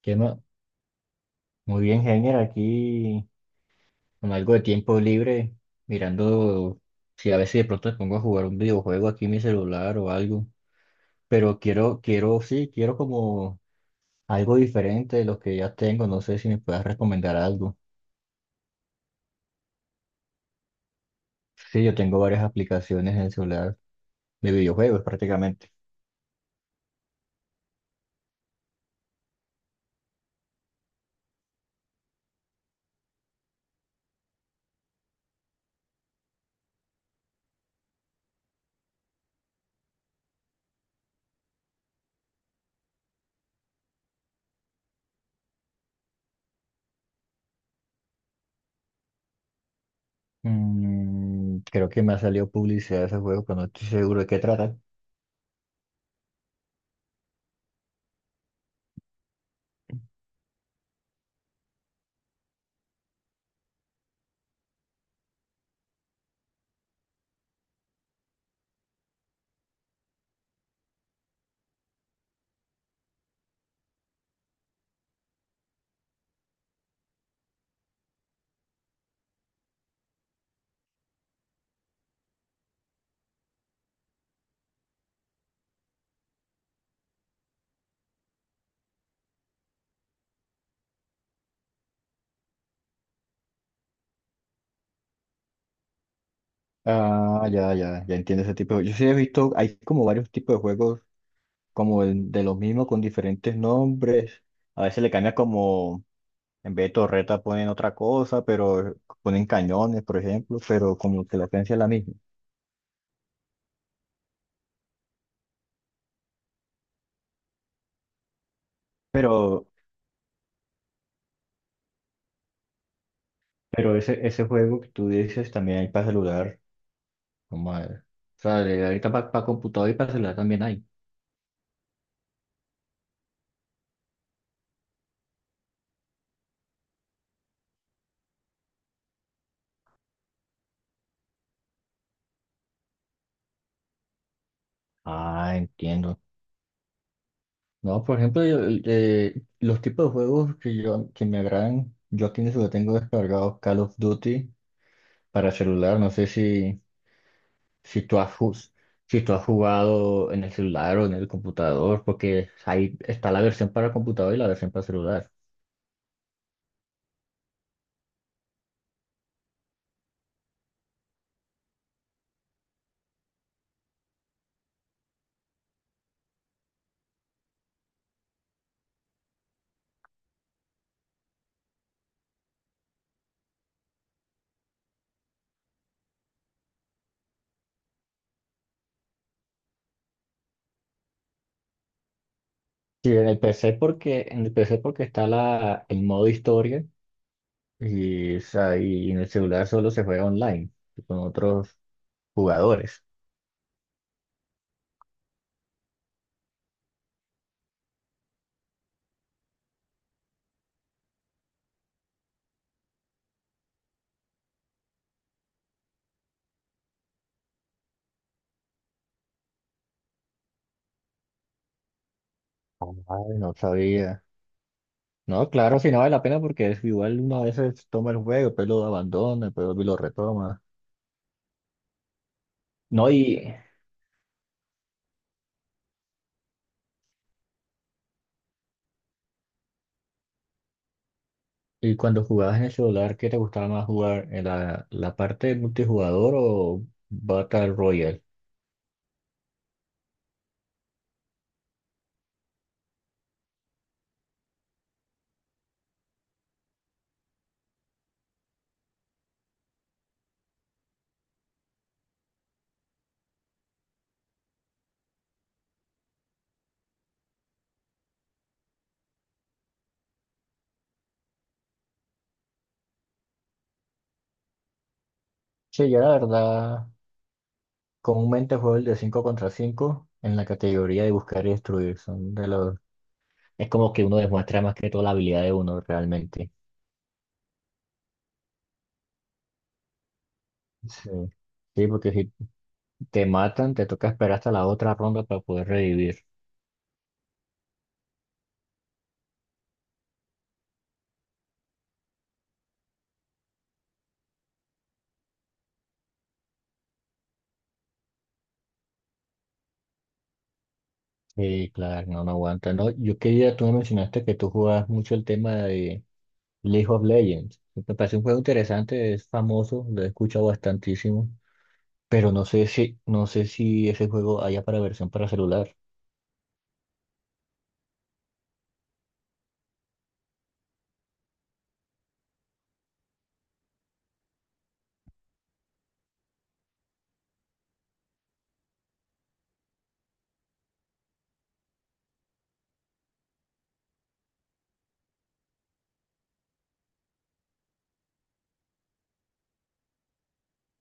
¿Qué más? Muy bien, Heiner, aquí con algo de tiempo libre, mirando si a veces de pronto me pongo a jugar un videojuego aquí en mi celular o algo. Pero quiero, sí, quiero como algo diferente de lo que ya tengo. No sé si me puedas recomendar algo. Sí, yo tengo varias aplicaciones en el celular de videojuegos prácticamente. Creo que me ha salido publicidad de ese juego, pero no estoy seguro de qué trata. Ah, ya, ya, ya entiendo ese tipo de. Yo sí he visto, hay como varios tipos de juegos como de los mismos con diferentes nombres. A veces le cambia, como, en vez de torreta ponen otra cosa, pero ponen cañones, por ejemplo, pero como que la esencia es la misma. Pero, pero ese juego que tú dices también hay para celular. No madre. O sea, ahorita para computador y para celular también hay. Ah, entiendo. No, por ejemplo, los tipos de juegos que yo que me agradan, yo aquí en el celular tengo descargados Call of Duty para celular, no sé si tú has, jus- si tú has jugado en el celular o en el computador, porque ahí está la versión para computador y la versión para celular. Sí, en el PC porque, en el PC porque está el modo historia y, o sea, y en el celular solo se juega online con otros jugadores. Ay, no sabía. No, claro, si no vale la pena porque es igual uno a veces toma el juego, pero lo abandona, pero lo retoma. No. Y cuando jugabas en el celular, ¿qué te gustaba más jugar? ¿En la parte de multijugador o Battle Royale? Sí, yo la verdad, comúnmente juego el de 5 contra 5 en la categoría de buscar y destruir. Son de los. Es como que uno demuestra más que todo la habilidad de uno realmente. Sí. Sí, porque si te matan, te toca esperar hasta la otra ronda para poder revivir. Sí, claro, no, no aguanta. No, yo quería, tú me mencionaste que tú jugabas mucho el tema de League of Legends. Me parece un juego interesante, es famoso, lo he escuchado bastantísimo, pero no sé si ese juego haya para versión para celular.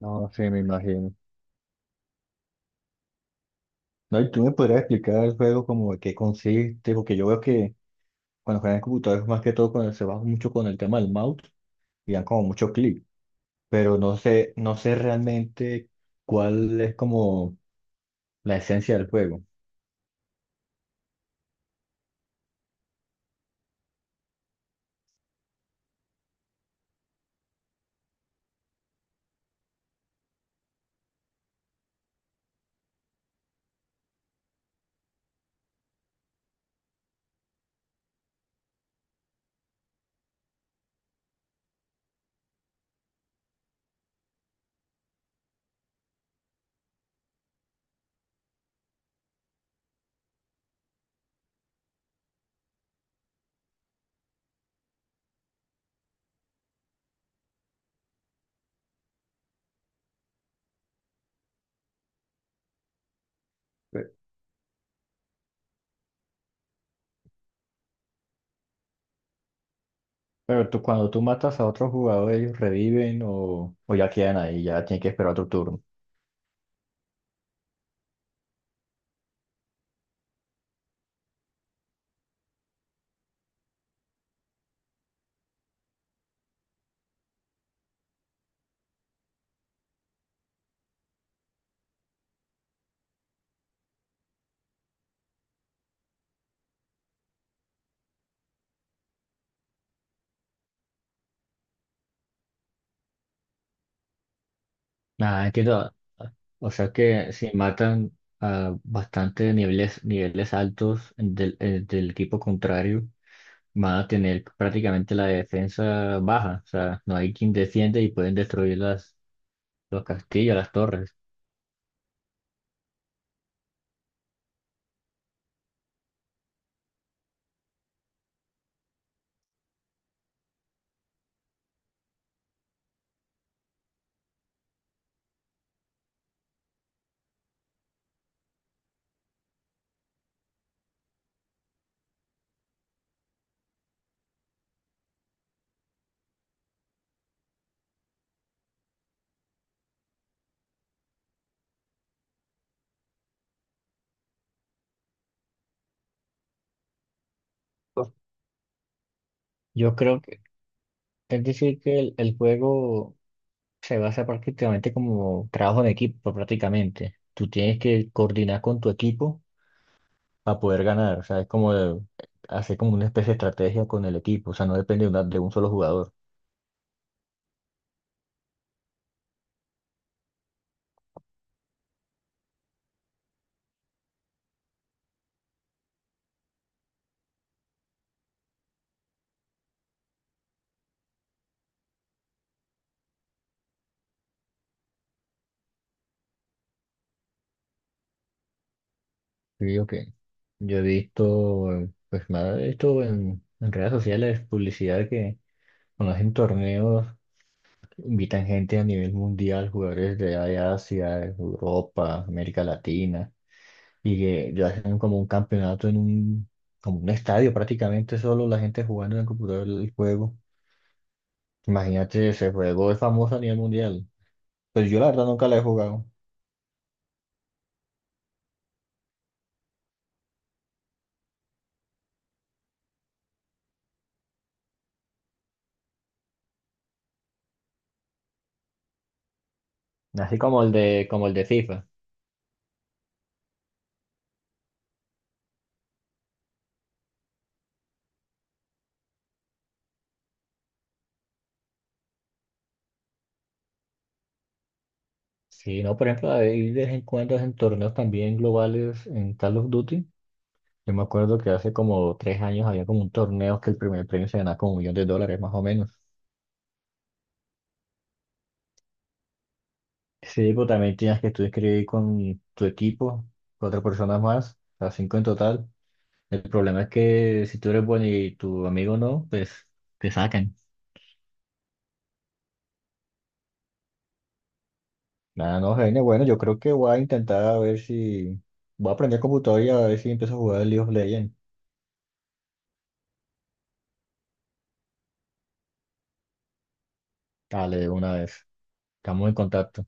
No, sí me imagino. No, y tú me podrías explicar el juego como de qué consiste, porque yo veo que cuando juegan en computadores más que todo cuando se va mucho con el tema del mouse y dan como mucho clic, pero no sé realmente cuál es como la esencia del juego. Pe- Pero tú, cuando tú matas a otros jugadores, ellos reviven o ya quedan ahí, ya tienen que esperar otro turno. Ah, entiendo. O sea que si matan a bastante niveles altos del equipo contrario, van a tener prácticamente la defensa baja. O sea, no hay quien defiende y pueden destruir los castillos, las torres. Pues, yo creo que, es decir, que el juego se basa prácticamente como trabajo en equipo, prácticamente. Tú tienes que coordinar con tu equipo para poder ganar. O sea, es como hacer como una especie de estrategia con el equipo. O sea, no depende de un solo jugador. Sí, ok. Yo he visto, pues nada, he visto en redes sociales publicidad que cuando hacen torneos invitan gente a nivel mundial, jugadores de Asia, Europa, América Latina, y que ya hacen como un campeonato como un estadio prácticamente, solo la gente jugando en el computador el juego. Imagínate, ese juego es famoso a nivel mundial. Pero yo la verdad nunca la he jugado. Así como como el de FIFA. Sí, no, por ejemplo, hay de vez en cuando en torneos también globales en Call of Duty. Yo me acuerdo que hace como 3 años había como un torneo que el primer premio se ganaba como 1 millón de dólares más o menos. Sí, pues también tenías que tú escribir con tu equipo, cuatro personas más, o sea, cinco en total. El problema es que si tú eres bueno y tu amigo no, pues te sacan. Nada, no, Jaime, bueno, yo creo que voy a intentar a ver si. Voy a aprender computador y a ver si empiezo a jugar el League of Legends. Dale, de una vez. Estamos en contacto.